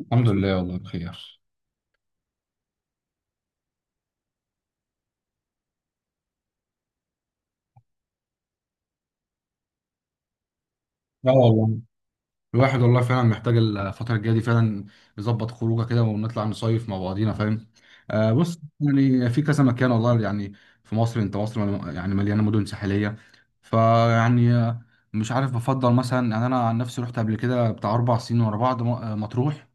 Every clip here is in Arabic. الحمد لله، والله بخير. اه والله، الواحد والله فعلا محتاج الفترة الجاية دي فعلا يظبط خروجه كده، ونطلع نصيف مع بعضينا، فاهم. بص، يعني في كذا مكان والله، يعني في مصر، انت مصر يعني مليانة مدن ساحلية. فيعني مش عارف، بفضل مثلا يعني، انا عن نفسي رحت قبل كده بتاع 4 سنين ورا بعض، مطروح.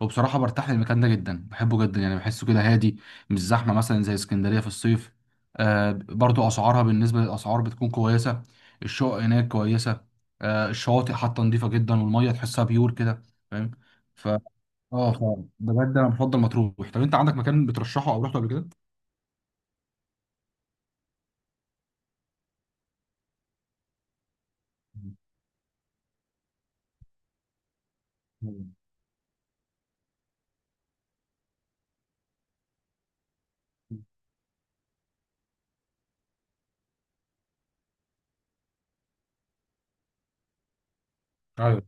وبصراحة برتاح للمكان ده جدا، بحبه جدا يعني، بحسه كده هادي، مش زحمة مثلا زي اسكندرية في الصيف. برضو أسعارها بالنسبة للأسعار بتكون كويسة، الشقق هناك كويسة. الشواطئ حتى نظيفة جدا، والمية تحسها بيور كده، فاهم. ف اه ف بجد أنا بفضل مطروح. طب أنت عندك مكان بترشحه أو رحته قبل كده؟ مم. أيوه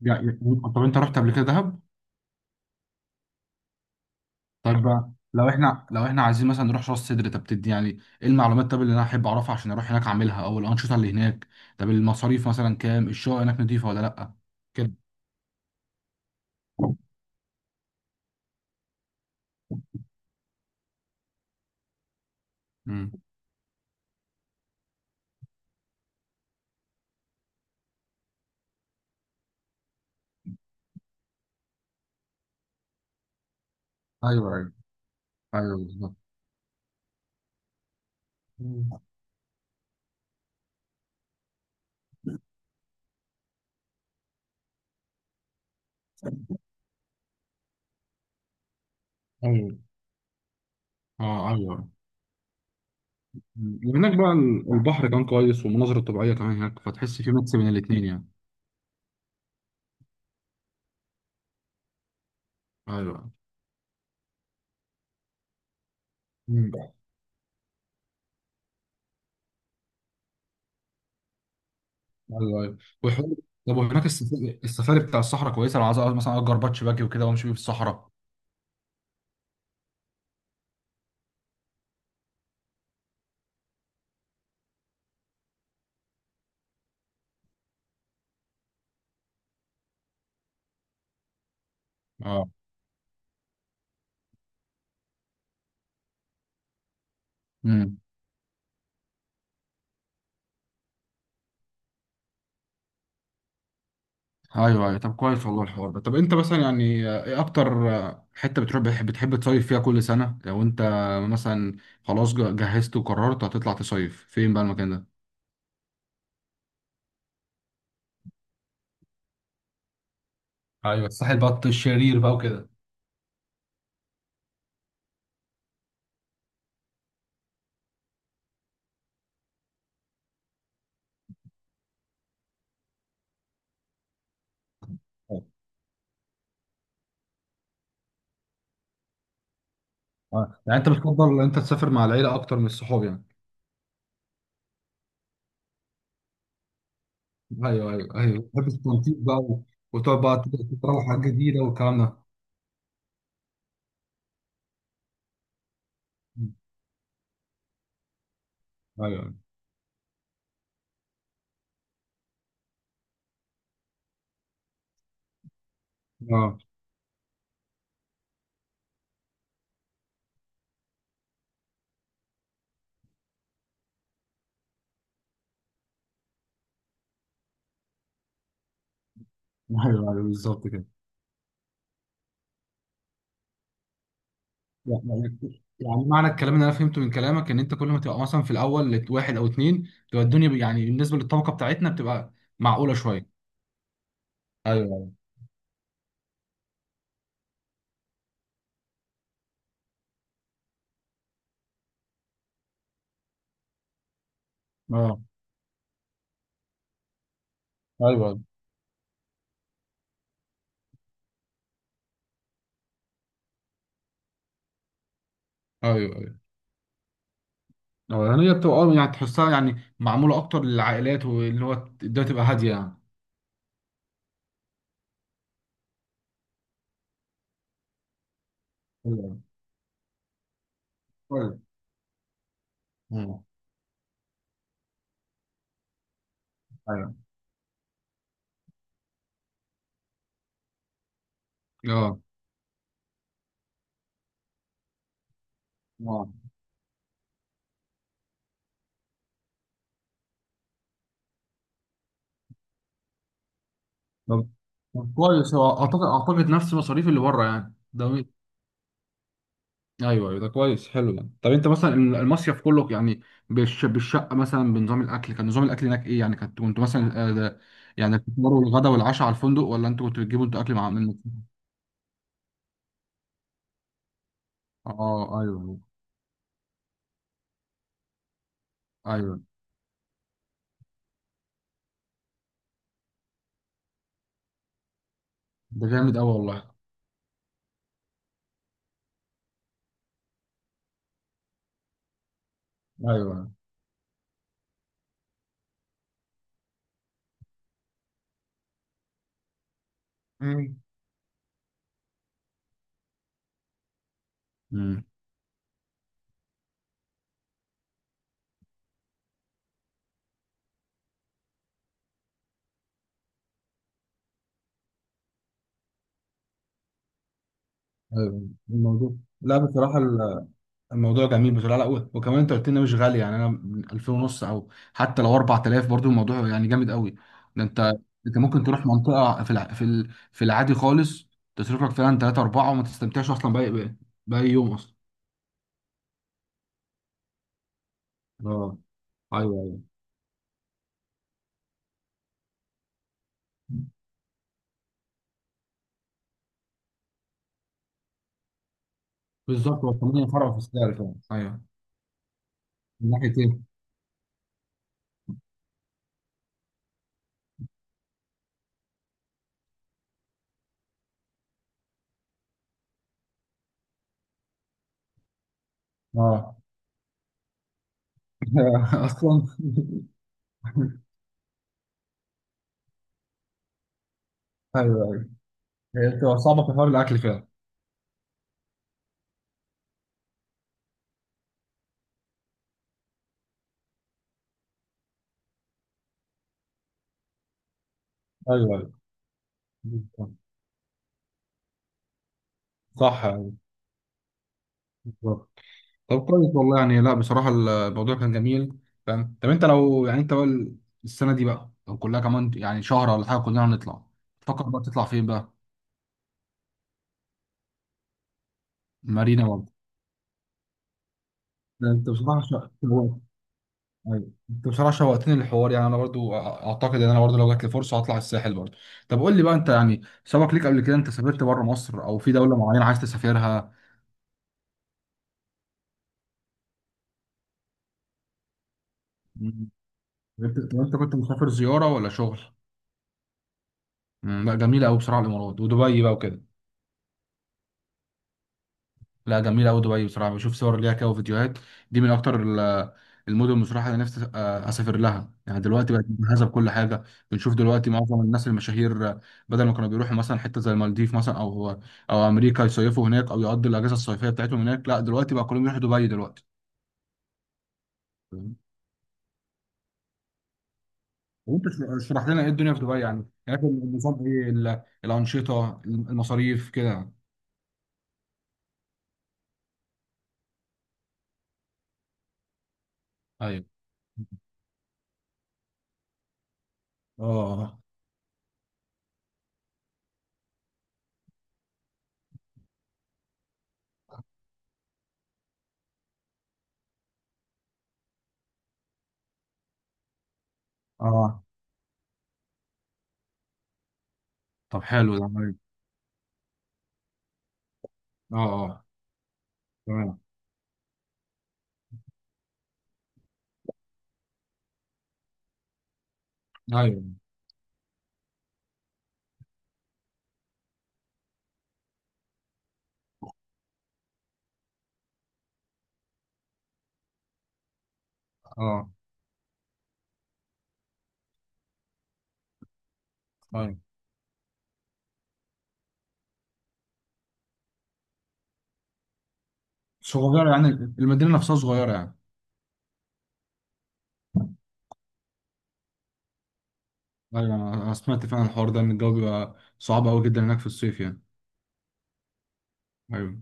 يعني. طب أنت رحت قبل كده دهب؟ طيب بقى، لو احنا عايزين مثلا نروح راس سدر، طب تدي يعني ايه المعلومات، طب اللي انا احب اعرفها عشان اروح هناك اعملها، او الانشطه اللي هناك. طب المصاريف مثلا كام، الشقه هناك نضيفه ولا لا؟ كده. مم. ايوه، ايوه، ايوه، بالظبط. مم. ايوه. اه. ايوه. مم. وهناك بقى البحر كان كويس، والمناظر الطبيعيه كمان هناك، فتحس في ميكس بين الاثنين يعني. ايوه. مم. ايوه ايوه وحوار. طب وهناك السفاري بتاع الصحراء كويسه، لو عايز مثلا اجر باتش باجي وكده وامشي بيه في الصحراء. اه. امم. ايوه ايوه. طب كويس والله، الحوار ده. طب انت مثلا يعني ايه اكتر حته بتروح، بتحب تصيف فيها كل سنه، لو انت مثلا خلاص جهزت وقررت هتطلع تصيف فين بقى المكان ده؟ ايوه الساحل بط الشرير بقى وكده. اه، يعني انت بتفضل ان انت تسافر مع العيله اكتر من الصحاب يعني. ايوه، ايوه، ايوه، بحب التنطيط بقى وتقعد بقى تجرب حاجات جديده والكلام ده. ايوه ايوه. اه. ايوه ايوه بالظبط كده. يعني، معنى الكلام اللي انا فهمته من كلامك، ان انت كل ما تبقى مثلا في الاول واحد او اتنين، تبقى الدنيا يعني بالنسبه للطبقه بتاعتنا بتبقى معقوله شويه. ايوه. اه. ايوه. ايوه. ايوه. يعني هي بتبقى، يعني تحسها يعني معموله اكتر للعائلات واللي هو الدنيا تبقى هاديه يعني. ايوه. طيب. مم. ايوه. اه. اه. طب طب كويس، هو اعتقد نفس مصاريف اللي بره يعني ده. ايوه، ايوه، ده كويس حلو ده. طب انت مثلا المصيف كله يعني بالشقه مثلا، بنظام الاكل، كان نظام الاكل هناك ايه يعني؟ كنتوا مثلا ده يعني الفطار والغدا والعشاء على الفندق، ولا انتوا كنتوا بتجيبوا انتوا اكل مع منكم؟ اه. ايوه ايوه. ده جامد قوي والله. ايوه. مم. امم. ايوه الموضوع، لا بصراحه الموضوع جميل بصراحه، لا وكمان انت قلت لنا مش غالي يعني، انا 2000 ونص، او حتى لو 4000 برضو، الموضوع يعني جامد قوي. ده انت، ممكن تروح منطقه في العادي خالص، تصرف لك فعلا 3 4 وما تستمتعش اصلا باي يوم اصلا. اه ايوه ايوه بالظبط، هو كمان فرق في السعر فعلا. ايوه. من ناحيه ايه؟ اه. اصلا. ايوه ايوه. هي بتبقى صعبه في حوار الاكل فعلا. ايوه ايوه بالظبط. صح. أيوة. طب كويس والله، يعني لا بصراحة الموضوع كان جميل، فاهم. طب انت لو يعني انت بقى السنة دي بقى، لو كلها كمان يعني شهر ولا حاجة كلنا هنطلع، تفكر بقى تطلع فين بقى؟ مارينا ولا؟ ده انت بصراحة شوقت، ايوه انت بصراحة شوقتني للحوار، يعني انا برضو اعتقد ان انا برضو لو جات لي فرصة هطلع الساحل برضو. طب قول لي بقى، انت يعني سبق ليك قبل كده انت سافرت بره مصر، او في دولة معينة عايز تسافرها؟ مم. طب انت كنت مسافر زيارة ولا شغل؟ مم، لا جميلة قوي بصراحة الامارات ودبي بقى وكده. لا جميلة أوي دبي بصراحة، بشوف صور ليها كده وفيديوهات، دي من أكتر المدن بصراحة اللي نفسي أسافر لها يعني، دلوقتي بقت مجهزة بكل حاجة. بنشوف دلوقتي معظم الناس المشاهير بدل ما كانوا بيروحوا مثلا حتة زي المالديف مثلا، أو أمريكا، يصيفوا هناك أو يقضوا الأجازة الصيفية بتاعتهم هناك. لا، دلوقتي بقى كلهم يروحوا دبي دلوقتي. تمام. وأنت اشرح لنا إيه الدنيا في دبي يعني، هناك النظام إيه، الأنشطة، المصاريف كده. أيوه. أه. أه. طب حلو ده. أيوه. أه. أه. تمام. أيوه. أه. أيوه. صغيرة يعني، المدينة نفسها صغيرة يعني. أيوة، أنا سمعت فعلا الحوار ده، إن الجو بيبقى صعب أوي جدا هناك في الصيف يعني. أيوة.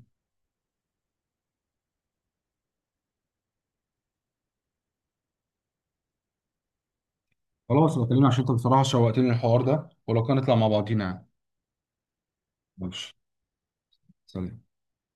خلاص بكلمك، عشان أنت بصراحة شوقتني الحوار ده، ولو كان نطلع مع بعضينا يعني. ماشي. سلام.